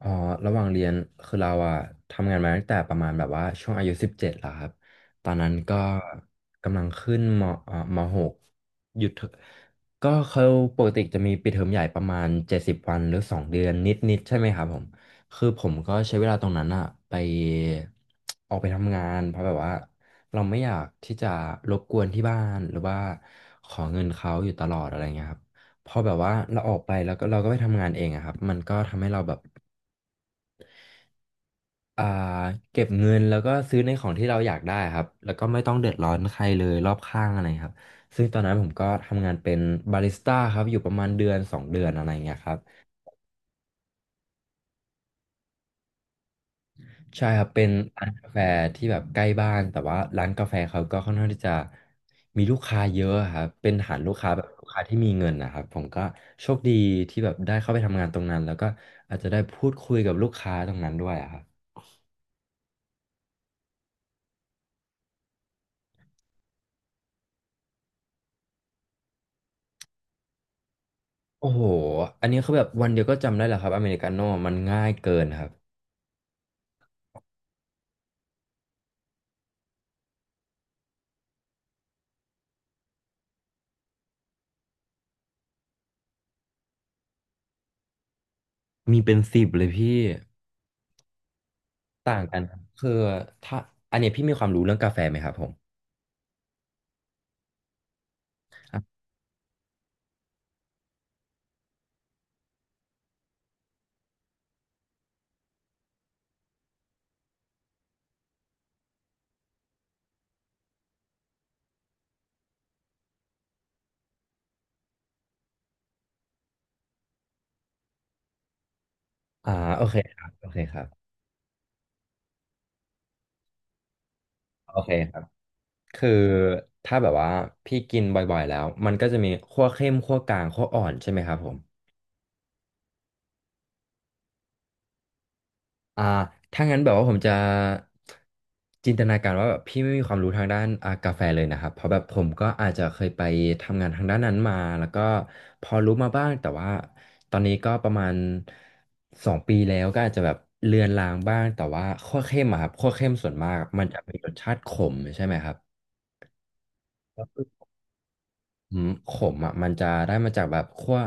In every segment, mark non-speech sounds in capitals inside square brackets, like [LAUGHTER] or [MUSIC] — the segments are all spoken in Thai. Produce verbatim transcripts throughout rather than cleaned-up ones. อ๋อ ระหว่างเรียน คือเราอะทำงานมาตั้งแต่ประมาณแบบว่าช่วงอายุสิบเจ็ดแล้วครับ ตอนนั้นก็กำลังขึ้นมเอ่อมหกหยุดเถอะก็เขาปกติจะมีปิดเทอมใหญ่ประมาณเจ็ดสิบวันหรือสองเดือนนิดๆใช่ไหมครับผม คือผมก็ใช้เวลาตรงนั้นอะไปออกไปทำงานเพราะแบบว่าเราไม่อยากที่จะรบกวนที่บ้านหรือว่าขอเงินเขาอยู่ตลอดอะไรเงี้ยครับพอแบบว่าเราออกไปแล้วก็เราก็ไปทำงานเองอะครับมันก็ทำให้เราแบบ อ่าเก็บเงินแล้วก็ซื้อในของที่เราอยากได้ครับแล้วก็ไม่ต้องเดือดร้อนใครเลยรอบข้างอะไรครับซึ่งตอนนั้นผมก็ทำงานเป็นบาริสต้าครับอยู่ประมาณเดือนสองเดือนอะไรเงี้ยครับใช่ครับเป็นร้านกาแฟที่แบบใกล้บ้านแต่ว่าร้านกาแฟเขาก็ค่อนข้างที่จะมีลูกค้าเยอะครับเป็นฐานลูกค้าแบบลูกค้าที่มีเงินนะครับผมก็โชคดีที่แบบได้เข้าไปทำงานตรงนั้นแล้วก็อาจจะได้พูดคุยกับลูกค้าตรงนั้นด้วยอะครับโอ้โหอันนี้คือแบบวันเดียวก็จำได้เหรอครับอเมริกาโน่มันง่ายเกินครับ มีเป็นสิบเลยพี่ ต่างกันครับคือถ้าอันเนี้ยพี่มีความรู้เรื่องกาแฟไหมครับผมอ่ะอ่าโอเคครับโอเคครับ โอเคครับ คือถ้าแบบว่าพี่กินบ่อยๆแล้วมันก็จะมีคั่วเข้มคั่วกลางคั่วอ่อนใช่ไหมครับผม อ่าถ้างั้นแบบว่าผมจะจินตนาการว่าแบบพี่ไม่มีความรู้ทางด้านอ่ากาแฟเลยนะครับ เพราะแบบผมก็อาจจะเคยไปทำงานทางด้านนั้นมาแล้วก็พอรู้มาบ้าง แต่ว่าตอนนี้ก็ประมาณสองปีแล้วก็อาจจะแบบเลือนลางบ้าง แต่ว่าคั่วเข้มอะครับคั่วเข้มส่วนมากมันจะมีรสชาติขมใช่ไหมครับ อืมขมอ่ะมันจะได้มาจากแบบขั้ว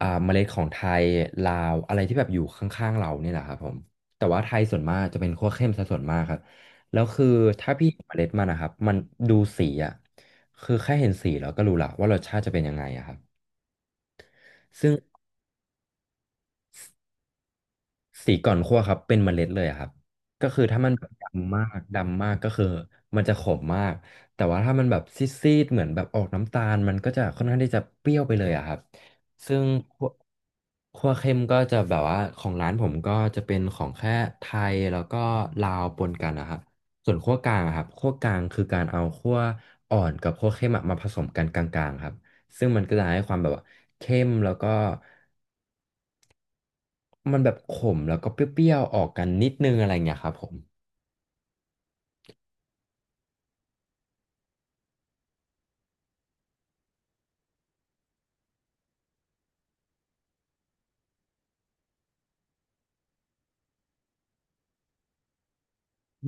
อ่าเมล็ดของไทยลาวอะไรที่แบบอยู่ข้างๆเราเนี่ยแหละครับผมแต่ว่าไทยส่วนมากจะเป็นขั้วเข้มซะส่วนมากครับแล้วคือถ้าพี่เห็นเมล็ดมันนะครับมันดูสีอ่ะคือแค่เห็นสีเราก็รู้ละว่ารสชาติจะเป็นยังไงอะครับซึ่ง สีก่อนคั่วครับเป็นเมล็ดเลยอะครับก็คือถ้ามันแบบดำมากดำมากก็คือมันจะขมมากแต่ว่าถ้ามันแบบซีดๆเหมือนแบบออกน้ำตาลมันก็จะค่อนข้างที่จะเปรี้ยวไปเลยอะครับซึ่งคั่วคั่วเข้มก็จะแบบว่าของร้านผมก็จะเป็นของแค่ไทยแล้วก็ลาวปนกันนะครับส่วนคั่วกลางอะครับคั่วกลางคือการเอาคั่วอ่อนกับคั่วเข้มอะมาผสมกันกลางๆครับซึ่งมันก็จะให้ความแบบว่าเข้มแล้วก็ มันแบบขมแล้วก็เปรี้ยวๆออกกันนิดนึงอะไรเงี้ยครับผม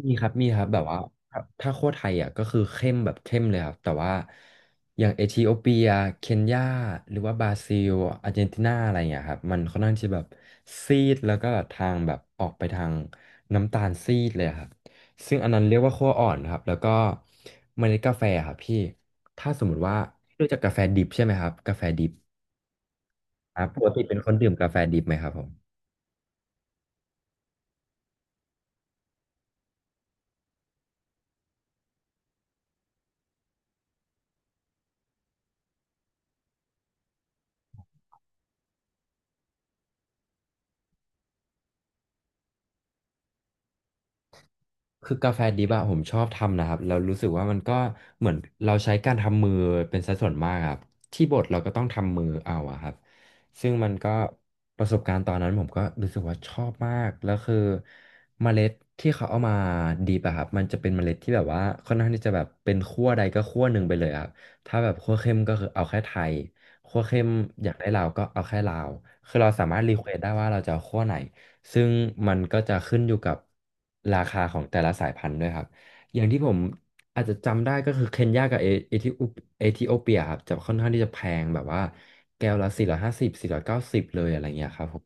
มีครับมีครับแบบว่าครับถ้าโคชไทยอ่ะก็คือเข้มแบบเข้มเลยครับแต่ว่าอย่างเอธิโอเปียเคนยาหรือว่าบราซิลอาร์เจนตินาอะไรเงี้ยครับมันค่อนข้างที่แบบซีดแล้วก็ทางแบบออกไปทางน้ำตาลซีดเลยครับซึ่งอันนั้นเรียกว่าคั่วอ่อนครับแล้วก็เมล็ดกาแฟครับพี่ถ้าสมมติว่ารู้จักกาแฟดิบใช่ไหมครับกาแฟดิบครับปกติเป็นคนดื่มกาแฟดิบไหมครับผม คือกาแฟดิบอะผมชอบทำนะครับแล้วรู้สึกว่ามันก็เหมือนเราใช้การทำมือเป็นสัดส่วนมากครับที่บดเราก็ต้องทำมือเอาอะครับซึ่งมันก็ประสบการณ์ตอนนั้นผมก็รู้สึกว่าชอบมากแล้วคือเมล็ดที่เขาเอามาดิบอะครับมันจะเป็นเมล็ดที่แบบว่าค่อนข้างที่จะแบบเป็นขั้วใดก็ขั้วหนึ่งไปเลยครับถ้าแบบขั้วเข้มก็คือเอาแค่ไทยขั้วเข้มอยากได้ลาวก็เอาแค่ลาวคือเราสามารถรีเควสได้ว่าเราจะเอาขั้วไหน ซึ่งมันก็จะขึ้นอยู่กับราคาของแต่ละสายพันธุ์ด้วยครับอย่างที่ผมอาจจะจำได้ก็คือเคนยากับเอเอธิโอเอธิโอเปียครับจะค่อนข้างที่จะแพงแบบว่าแก้วละสี่ร้อยห้าสิบสี่ร้อยเก้าสิบเลยอะไรเงี้ยครับผม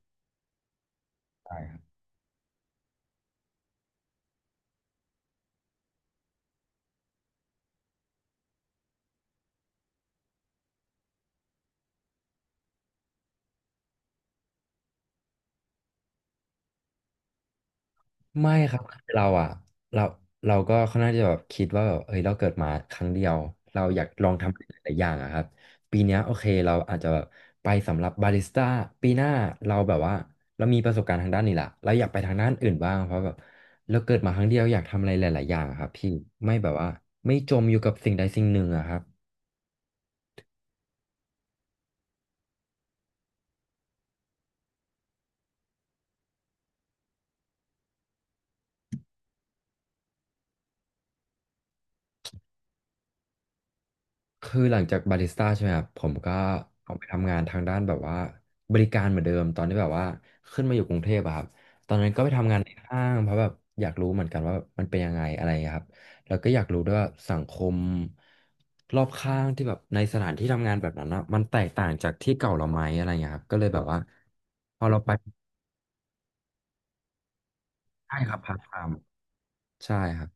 ไม่ครับคือเราอ่ะเราเราก็ค่อนข้างจะแบบคิดว่าแบบเอ้ยเราเกิดมาครั้งเดียวเราอยากลองทำหลายๆอย่างอะครับปีเนี้ยโอเคเราอาจจะแบบไปสำหรับบาริสต้าปีหน้าเราแบบว่าเรามีประสบการณ์ทางด้านนี้ละเราอยากไปทางด้านอื่นบ้างเพราะแบบเราเกิดมาครั้งเดียวอยากทำอะไรหลายๆอย่างอะครับพี่ไม่แบบว่าไม่จมอยู่กับสิ่งใดสิ่งหนึ่งอะครับ คือหลังจากบาริสต้าใช่ไหมครับผมก็ออกไปทำงานทางด้านแบบว่าบริการเหมือนเดิมตอนที่แบบว่าขึ้นมาอยู่กรุงเทพอะครับตอนนั้นก็ไปทำงานในห้างเพราะแบบอยากรู้เหมือนกันว่ามันเป็นยังไงอะไรอย่างเงี้ยครับแล้วก็อยากรู้ด้วยว่าสังคมรอบข้างที่แบบในสถานที่ทำงานแบบนั้นนะมันแตกต่างจากที่เก่าเราไหมอะไรอย่างเงี้ยครับก็เลยแบบว่าพอเราไปใช่ครับพาร์ทไทม์ใช่ครับ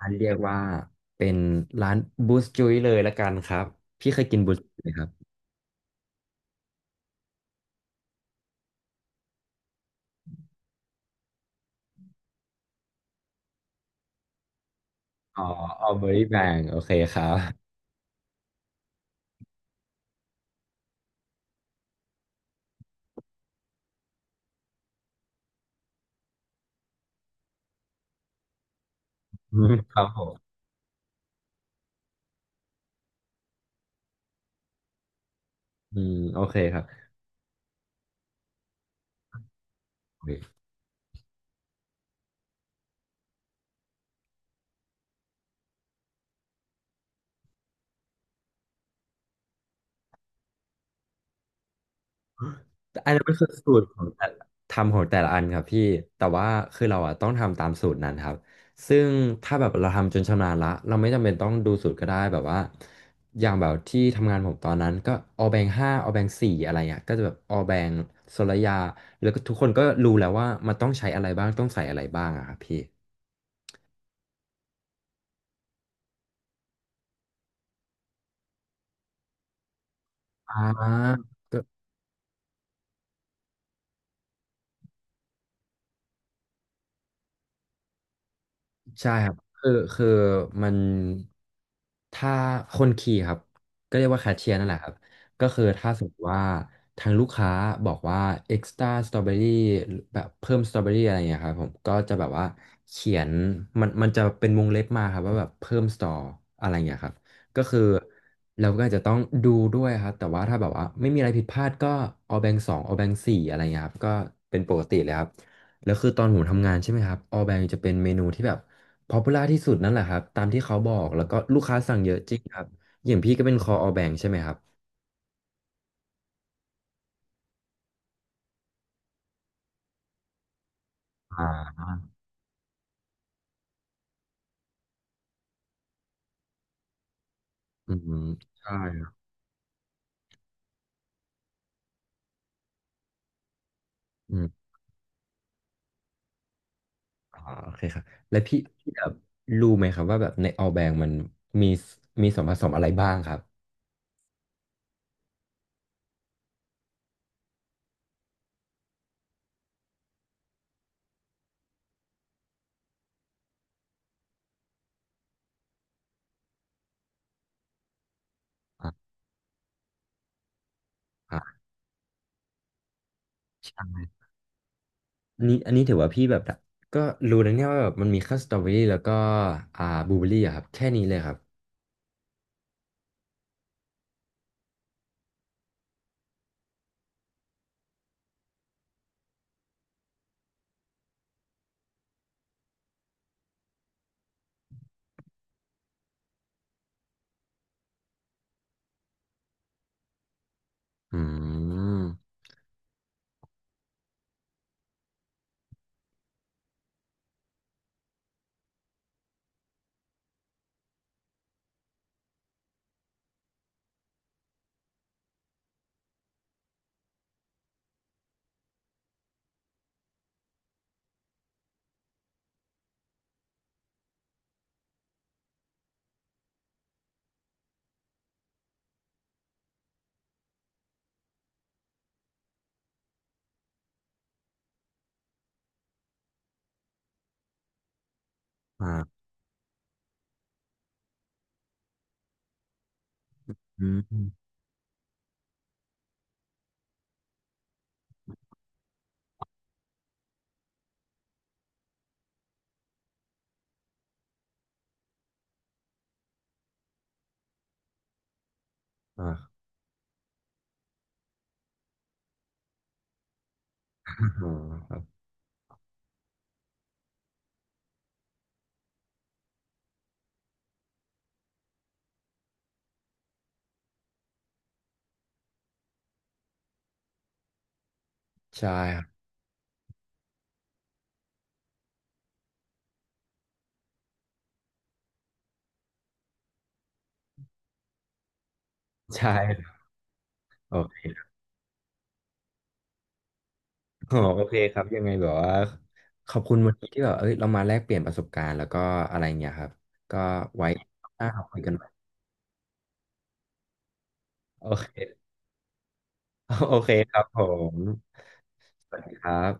อันเรียกว่าเป็นร้านบูสจุยเลยละกันครับพี่เคยกินบูสจุยไหมครับ อ๋อเอาเบอร์รี่แบงโอเคครับ [LAUGHS] อืมครับผมอืมโอเคครับโอเคแต่อันนั้นมันคือสูตรของแต่ละทำของแต่ละอันครับพี่แต่ว่าคือเราอะต้องทำตามสูตรนั้นครับซึ่งถ้าแบบเราทำจนชำนาญละเราไม่จำเป็นต้องดูสูตรก็ได้แบบว่าอย่างแบบที่ทำงานผมตอนนั้นก็ออแบงห้าออแบงสี่อะไรเงี้ยก็จะแบบออแบงโซลยาแล้วก็ทุกคนก็รู้แล้วว่ามันต้องใช้อะไรบ้างต้องใส่อะไรบ้างอะครับพี่อ่า ใช่ครับ คือคือมันถ้าคนขี่ครับ ก็เรียกว่าแคชเชียร์นั่นแหละครับ ก็คือถ้าสมมติว่า ทางลูกค้าบอกว่า extra strawberry แบบเพิ่ม strawberry อะไรอย่างเงี้ยครับผมก็จะแบบว่า เขียน มันมันจะเป็นวงเล็บมาครับว่าแบบเพิ่ม store อะไรอย่างเงี้ยครับ ก็คือเราก็อาจจะต้องดูด้วยครับ แต่ว่าถ้าแบบว่า ไม่มีอะไรผิดพลาดก็เอาแบงสองเอาแบงสี่อะไรเงี้ยครับก็เป็นปกติเลยครับแล้วคือตอนผมทำงานใช่ไหมครับออแบงจะเป็นเมนูที่แบบ ป๊อปปูล่าที่สุดนั่นแหละครับตามที่เขาบอกแล้วก็ลูกค้าสั่งเยอะจริงครับอย่างพี่ก็เป็นคออ บี เอ บ เค ใช่ไหมครับอ่าอืมใช่ครับอืมอ่าโอเคครับแล้วพี่พี่แบบรู้ไหมครับว่าแบบในออแบงมันมีมีส่วนผสมอะไรบ้างครับอ่าอ่าใช่อันนี้อันนี้ถือว่าพี่แบบก็รู้นะเนี่ยว่าแบบมันมีแค่สตรอเบอรี่แล้วก็อ่าบลูเบอรี่อะครับแค่นี้เลยครับอืมอ่าอืมอ่าอ๋อครับใช่ครับใช่ครับโอเค อ๋อโอเคครับยังไงแบบว่าขอบคุณวันนี้ที่แบบเอ้ยเรามาแลกเปลี่ยนประสบการณ์แล้วก็อะไรเงี้ยครับก็ไว้หน้าคุยกันใหม่โอเค [LAUGHS] โอเคครับผมสวัสดีครับ